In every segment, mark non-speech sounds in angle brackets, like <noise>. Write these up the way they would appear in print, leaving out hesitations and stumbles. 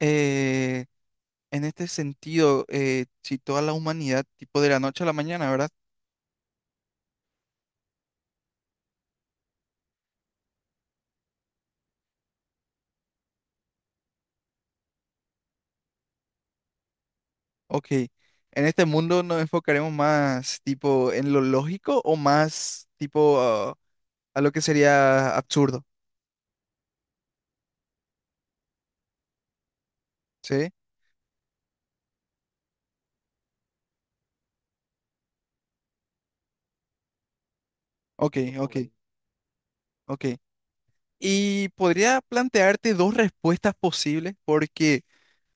eh, en este sentido, si toda la humanidad, tipo de la noche a la mañana, ¿verdad? Ok, en este mundo nos enfocaremos más tipo en lo lógico o más tipo a lo que sería absurdo, ¿sí? Ok, ok, ok. Ok. Y podría plantearte dos respuestas posibles porque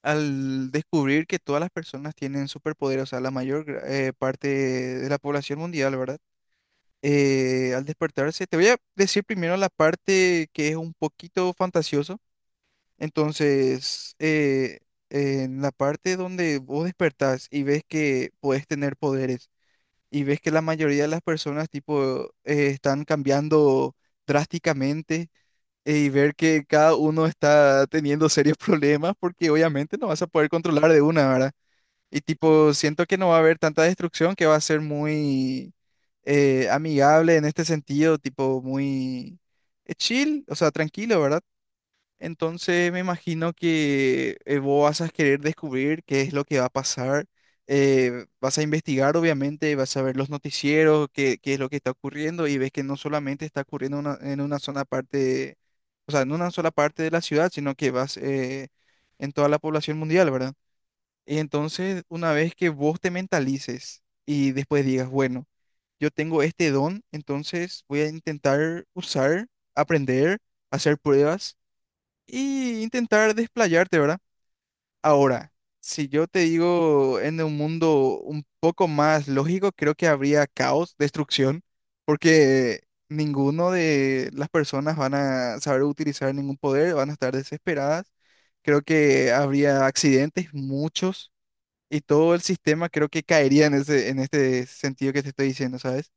al descubrir que todas las personas tienen superpoderes, o sea, la parte de la población mundial, ¿verdad? Al despertarse. Te voy a decir primero la parte que es un poquito fantasioso. Entonces, en la parte donde vos despertás y ves que puedes tener poderes y ves que la mayoría de las personas tipo están cambiando drásticamente y ver que cada uno está teniendo serios <laughs> problemas porque obviamente no vas a poder controlar de una, ¿verdad? Y tipo, siento que no va a haber tanta destrucción, que va a ser muy amigable en este sentido, tipo muy chill, o sea, tranquilo, ¿verdad? Entonces me imagino que vos vas a querer descubrir qué es lo que va a pasar, vas a investigar, obviamente, vas a ver los noticieros, qué es lo que está ocurriendo y ves que no solamente está ocurriendo en una sola parte, o sea, en una sola parte de la ciudad, sino que vas en toda la población mundial, ¿verdad? Y entonces, una vez que vos te mentalices y después digas, bueno, yo tengo este don, entonces voy a intentar usar, aprender, hacer pruebas y intentar desplayarte, ¿verdad? Ahora, si yo te digo en un mundo un poco más lógico, creo que habría caos, destrucción, porque ninguno de las personas van a saber utilizar ningún poder, van a estar desesperadas. Creo que habría accidentes, muchos. Y todo el sistema creo que caería en en este sentido que te estoy diciendo, ¿sabes?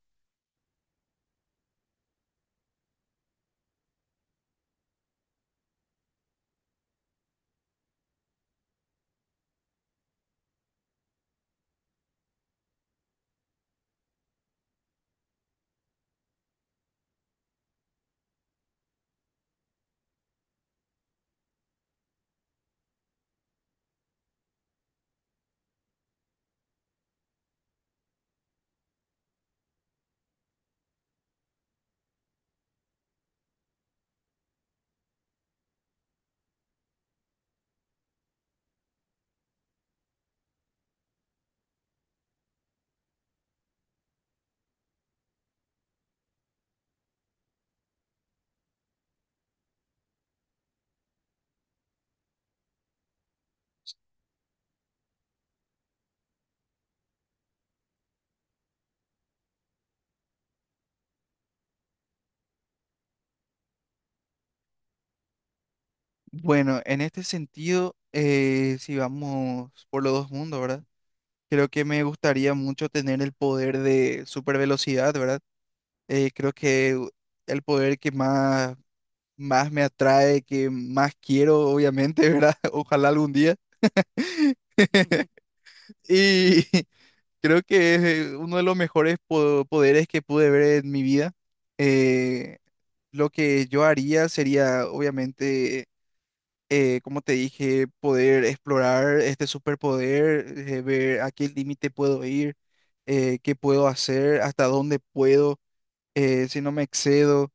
Bueno, en este sentido, si vamos por los dos mundos, ¿verdad? Creo que me gustaría mucho tener el poder de super velocidad, ¿verdad? Creo que el poder que más, más me atrae, que más quiero, obviamente, ¿verdad? <laughs> Ojalá algún día. <laughs> Y <laughs> creo que es uno de los mejores poderes que pude ver en mi vida. Eh, Lo que yo haría sería, obviamente, como te dije, poder explorar este superpoder, ver a qué límite puedo ir, qué puedo hacer, hasta dónde puedo, si no me excedo.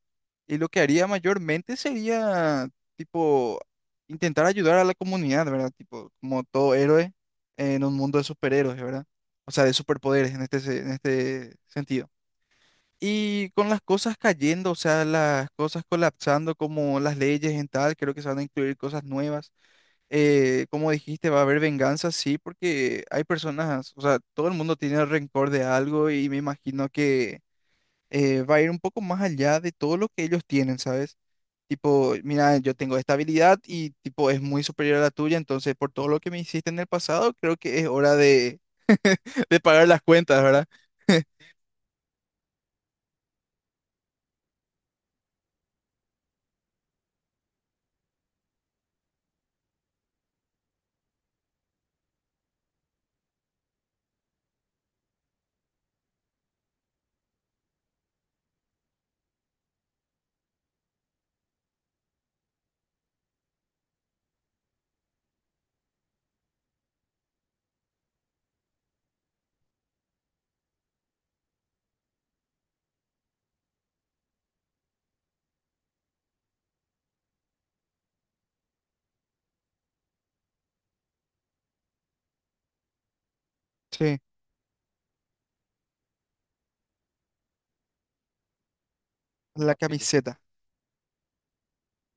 Y lo que haría mayormente sería, tipo, intentar ayudar a la comunidad, ¿verdad? Tipo, como todo héroe en un mundo de superhéroes, ¿verdad? O sea, de superpoderes en en este sentido. Y con las cosas cayendo, o sea, las cosas colapsando como las leyes en tal, creo que se van a incluir cosas nuevas. Como dijiste, va a haber venganza, sí, porque hay personas, o sea, todo el mundo tiene rencor de algo y me imagino que va a ir un poco más allá de todo lo que ellos tienen, ¿sabes? Tipo, mira, yo tengo esta habilidad y tipo es muy superior a la tuya, entonces por todo lo que me hiciste en el pasado, creo que es hora de, <laughs> de pagar las cuentas, ¿verdad? <laughs> Sí, la sí. Camiseta.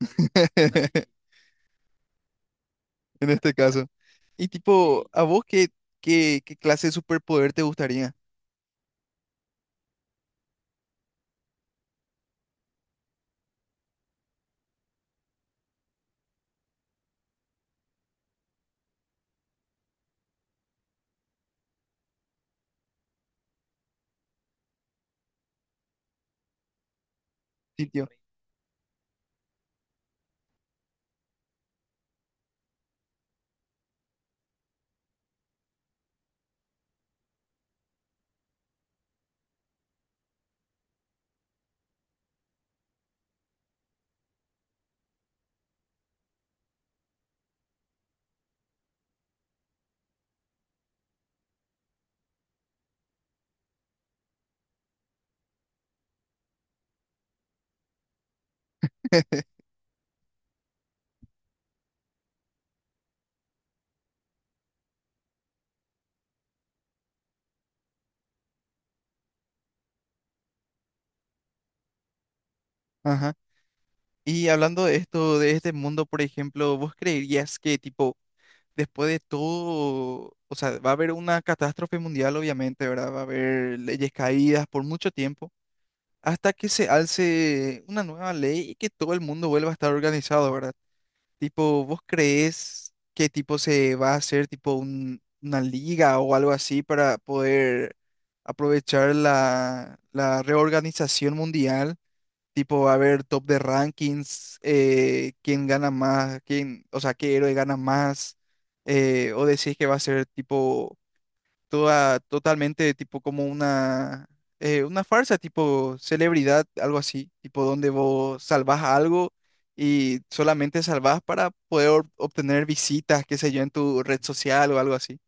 <laughs> En este caso. Y tipo, ¿a vos qué clase de superpoder te gustaría? Sí, tío. Ajá. Y hablando de esto, de este mundo, por ejemplo, ¿vos creerías que, tipo, después de todo, o sea, va a haber una catástrofe mundial, obviamente, ¿verdad? Va a haber leyes caídas por mucho tiempo. Hasta que se alce una nueva ley y que todo el mundo vuelva a estar organizado, ¿verdad? Tipo, ¿vos creés que tipo se va a hacer tipo una liga o algo así para poder aprovechar la, la reorganización mundial? Tipo, va a haber top de rankings, quién gana más, quién, o sea, qué héroe gana más, o decís que va a ser tipo toda, totalmente tipo como una farsa, tipo celebridad, algo así, tipo donde vos salvás algo y solamente salvás para poder obtener visitas, qué sé yo, en tu red social o algo así.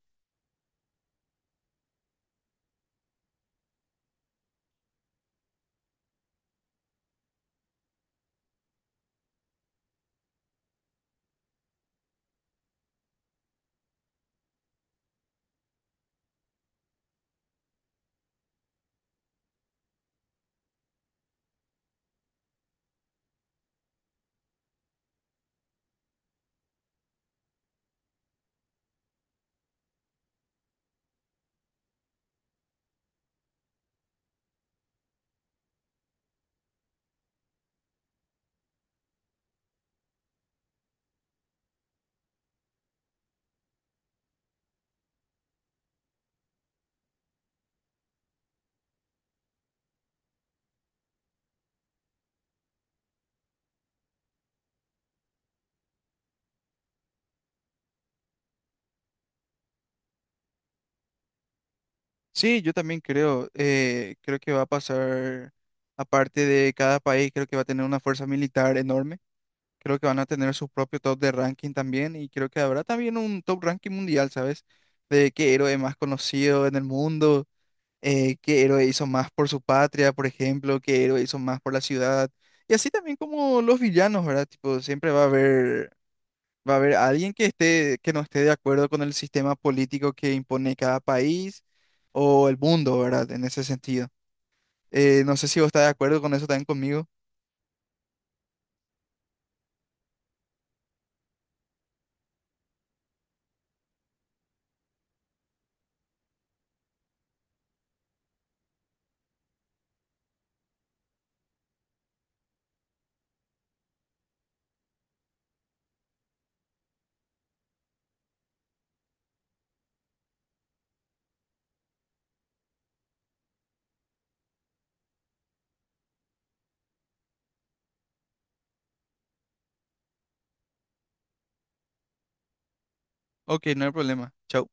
Sí, yo también creo, creo que va a pasar, aparte de cada país, creo que va a tener una fuerza militar enorme. Creo que van a tener su propio top de ranking también y creo que habrá también un top ranking mundial, ¿sabes? De qué héroe más conocido en el mundo. Eh, qué héroe hizo más por su patria, por ejemplo, qué héroe hizo más por la ciudad. Y así también como los villanos, ¿verdad? Tipo, siempre va a haber alguien que esté, que no esté de acuerdo con el sistema político que impone cada país o el mundo, ¿verdad? En ese sentido. No sé si vos estás de acuerdo con eso también conmigo. Ok, no hay problema. Chau.